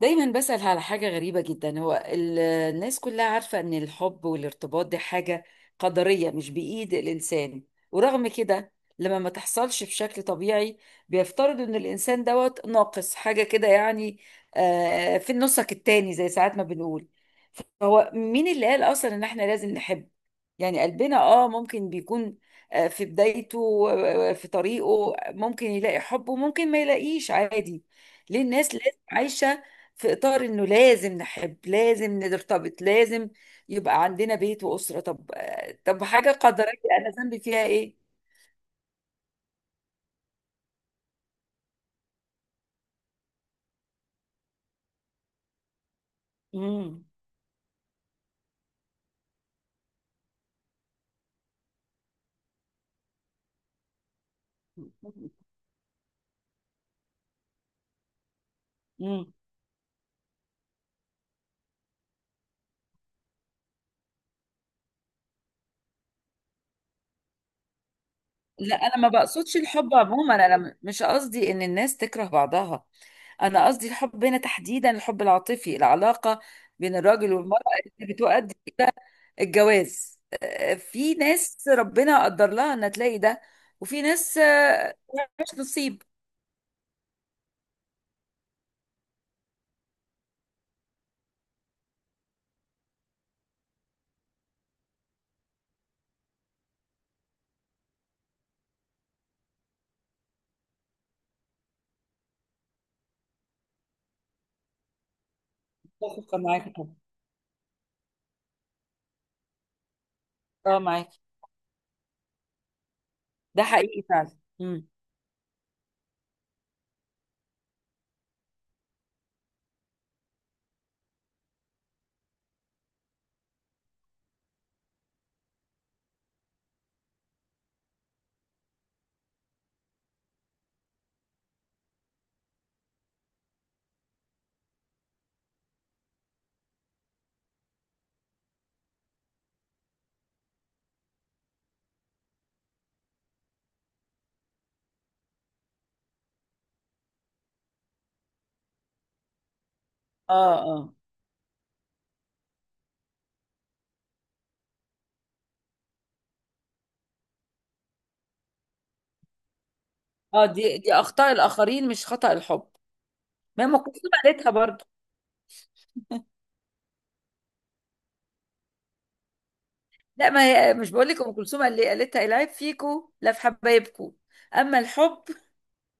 دايما بسأل على حاجة غريبة جدا. هو الناس كلها عارفة ان الحب والارتباط دي حاجة قدرية مش بإيد الإنسان، ورغم كده لما ما تحصلش بشكل طبيعي بيفترضوا ان الإنسان دوت ناقص حاجة كده يعني. في النصك التاني زي ساعات ما بنقول. فهو مين اللي قال أصلا ان احنا لازم نحب؟ يعني قلبنا ممكن بيكون في بدايته، في طريقه ممكن يلاقي حب وممكن ما يلاقيش عادي. ليه الناس لازم عايشة في إطار إنه لازم نحب، لازم نرتبط، لازم يبقى عندنا بيت وأسرة؟ طب، حاجة قدرية، أنا ذنبي فيها إيه؟ مم. مم. لا، أنا ما بقصدش الحب عموما، أنا مش قصدي إن الناس تكره بعضها. أنا قصدي الحب هنا تحديدا، الحب العاطفي، العلاقة بين الراجل والمرأة اللي بتؤدي إلى الجواز. في ناس ربنا قدر لها إن تلاقي ده، وفي ناس مش نصيب. متفقة معاك طبعا. اه، معاك. ده حقيقي فعلا. مم. اه، اه، اه، دي اخطاء الاخرين، مش خطأ الحب. ما ام كلثوم قالتها برضه. لا، ما هي مش بقول لك؟ ام كلثوم اللي قالتها: العيب فيكو لا في حبايبكو، اما الحب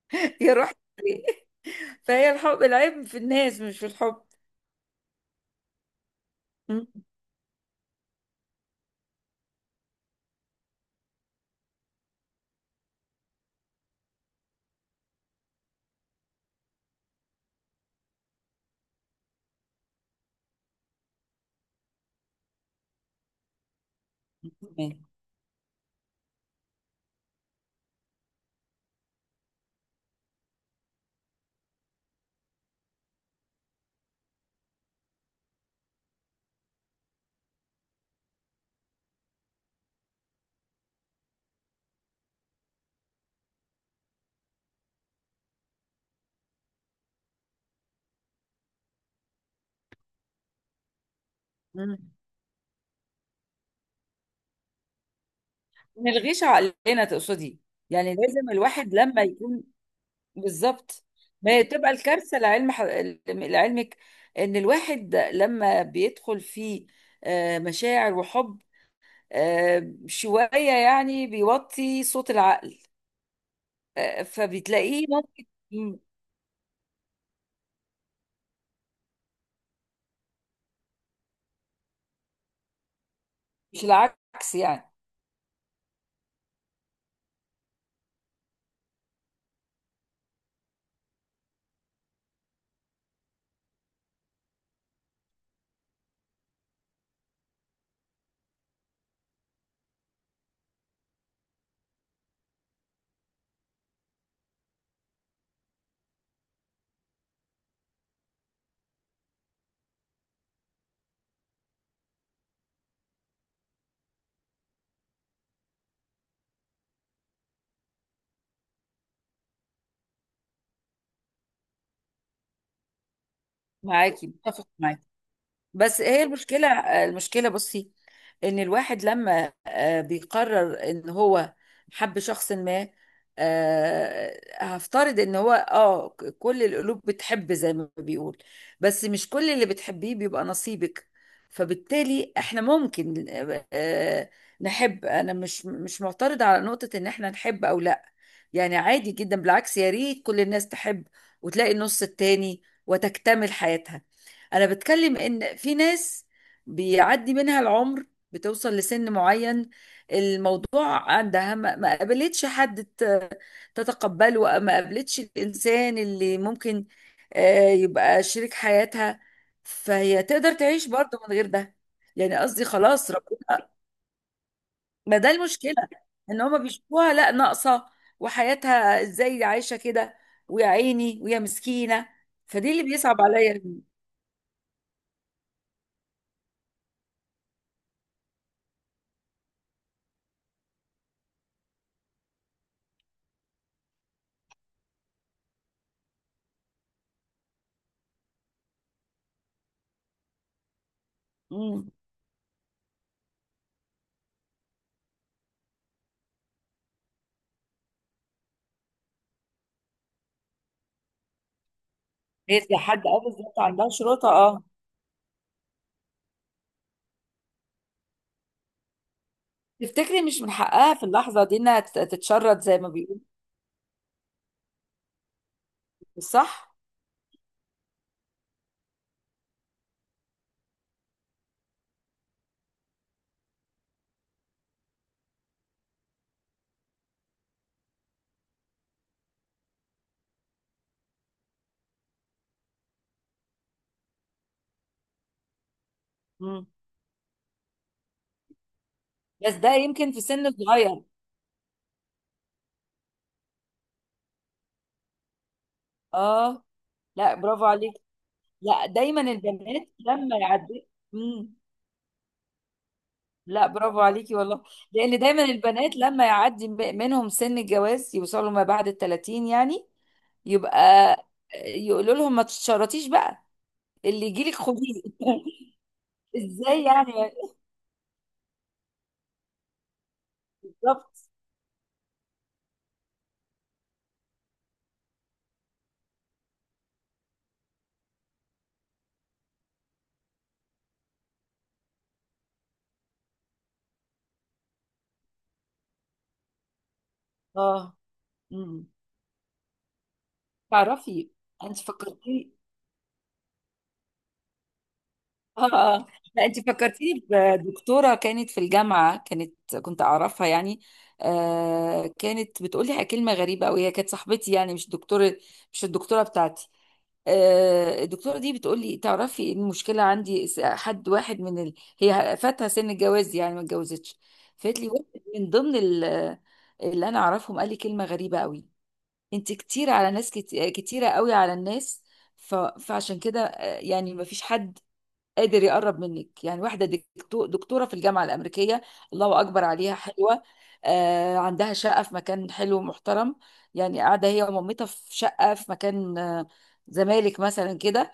يروح ليه. فهي الحب، العيب في الناس مش في الحب. مم. مم. نلغيش عقلنا تقصدي؟ يعني لازم الواحد لما يكون. بالظبط. ما هي تبقى الكارثة لعلمك، ان الواحد لما بيدخل في مشاعر وحب شوية، يعني بيوطي صوت العقل، فبتلاقيه ممكن. مم، مش العكس يعني؟ معاكي، متفق معاكي. بس هي المشكلة، بصي، ان الواحد لما بيقرر ان هو حب شخص ما، هفترض ان هو كل القلوب بتحب زي ما بيقول، بس مش كل اللي بتحبيه بيبقى نصيبك. فبالتالي احنا ممكن آه، نحب. انا مش معترضة على نقطة ان احنا نحب او لا، يعني عادي جدا، بالعكس يا ريت كل الناس تحب وتلاقي النص التاني وتكتمل حياتها. انا بتكلم ان في ناس بيعدي منها العمر، بتوصل لسن معين، الموضوع عندها ما قابلتش حد تتقبله، ما قابلتش الانسان اللي ممكن يبقى شريك حياتها، فهي تقدر تعيش برضه من غير ده. يعني قصدي خلاص ربنا. ما ده المشكلة، ان هما بيشوفوها لا ناقصة، وحياتها ازاي عايشة كده، ويا عيني ويا مسكينة. فدي اللي بيصعب عليا. هي لحد، اه بالظبط، عندها شروطة، اه. تفتكري مش من حقها في اللحظة دي انها تتشرط زي ما بيقولوا؟ صح؟ مم. بس ده يمكن في سن صغير. اه. لا، برافو عليكي. لا، دايما البنات لما يعدي. مم. لا، برافو عليكي والله. لان دايما البنات لما يعدي منهم سن الجواز، يوصلوا ما بعد ال 30 يعني، يبقى يقولوا لهم: ما تتشرطيش بقى، اللي يجيلك خديه. ازاي يعني؟ بالظبط. اه. مم. تعرفي، انت فكرتي. اه، اه، آه. لا، انت فكرتيني بدكتوره كانت في الجامعه، كنت اعرفها يعني. كانت بتقول لي كلمه غريبه قوي، هي كانت صاحبتي يعني، مش دكتوره، مش الدكتوره بتاعتي. الدكتوره دي بتقول لي: تعرفي إيه المشكله عندي؟ حد واحد من ال... هي فاتها سن الجواز يعني، ما اتجوزتش. فقالت لي واحد من ضمن ال... اللي انا اعرفهم قال لي كلمه غريبه قوي: انت كتير على ناس، كتيرة قوي على الناس. فعشان كده يعني ما فيش حد قادر يقرب منك. يعني واحدة دكتورة في الجامعة الأمريكية، الله أكبر عليها حلوة. عندها شقة في مكان حلو ومحترم، يعني قاعدة هي ومامتها في شقة في مكان زمالك مثلا كده،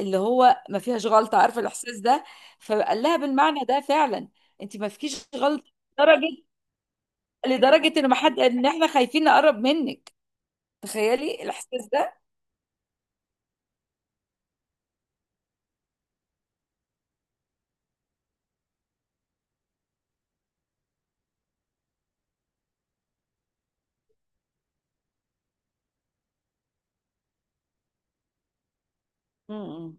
اللي هو ما فيهاش غلطة. عارفة الإحساس ده؟ فقال لها بالمعنى ده فعلا: انت ما فيكيش غلطة، لدرجة، ان ما حد ان احنا خايفين نقرب منك. تخيلي الإحساس ده. امم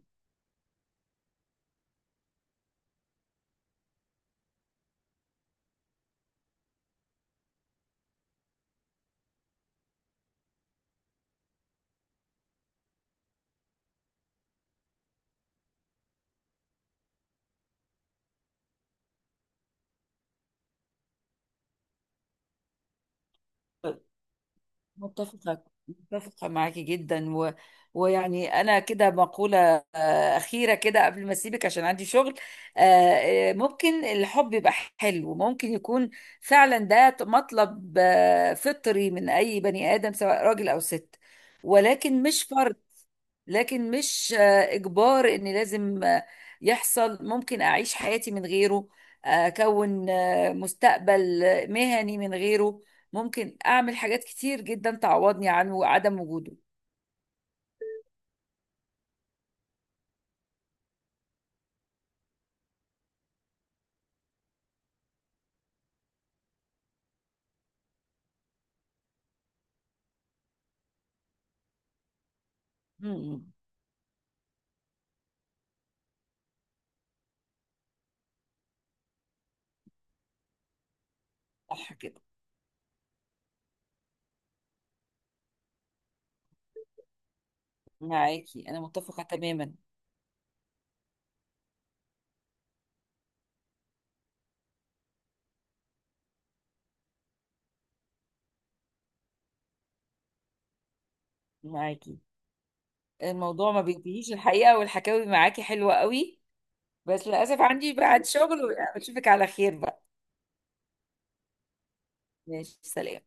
متفقة معاكي جدا، ويعني أنا كده مقولة أخيرة كده قبل ما أسيبك عشان عندي شغل. ممكن الحب يبقى حلو، ممكن يكون فعلا ده مطلب فطري من أي بني آدم، سواء راجل أو ست. ولكن مش فرض، لكن مش إجبار إن لازم يحصل. ممكن أعيش حياتي من غيره، أكون مستقبل مهني من غيره. ممكن أعمل حاجات كتير جدا تعوضني عنه وعدم وجوده. مم. صح كده. معاكي، أنا متفقة تماما معاكي. الموضوع ما بينتهيش الحقيقة، والحكاوي معاكي حلوة قوي. بس للأسف عندي بعد شغل، وأشوفك على خير بقى. ماشي، سلام.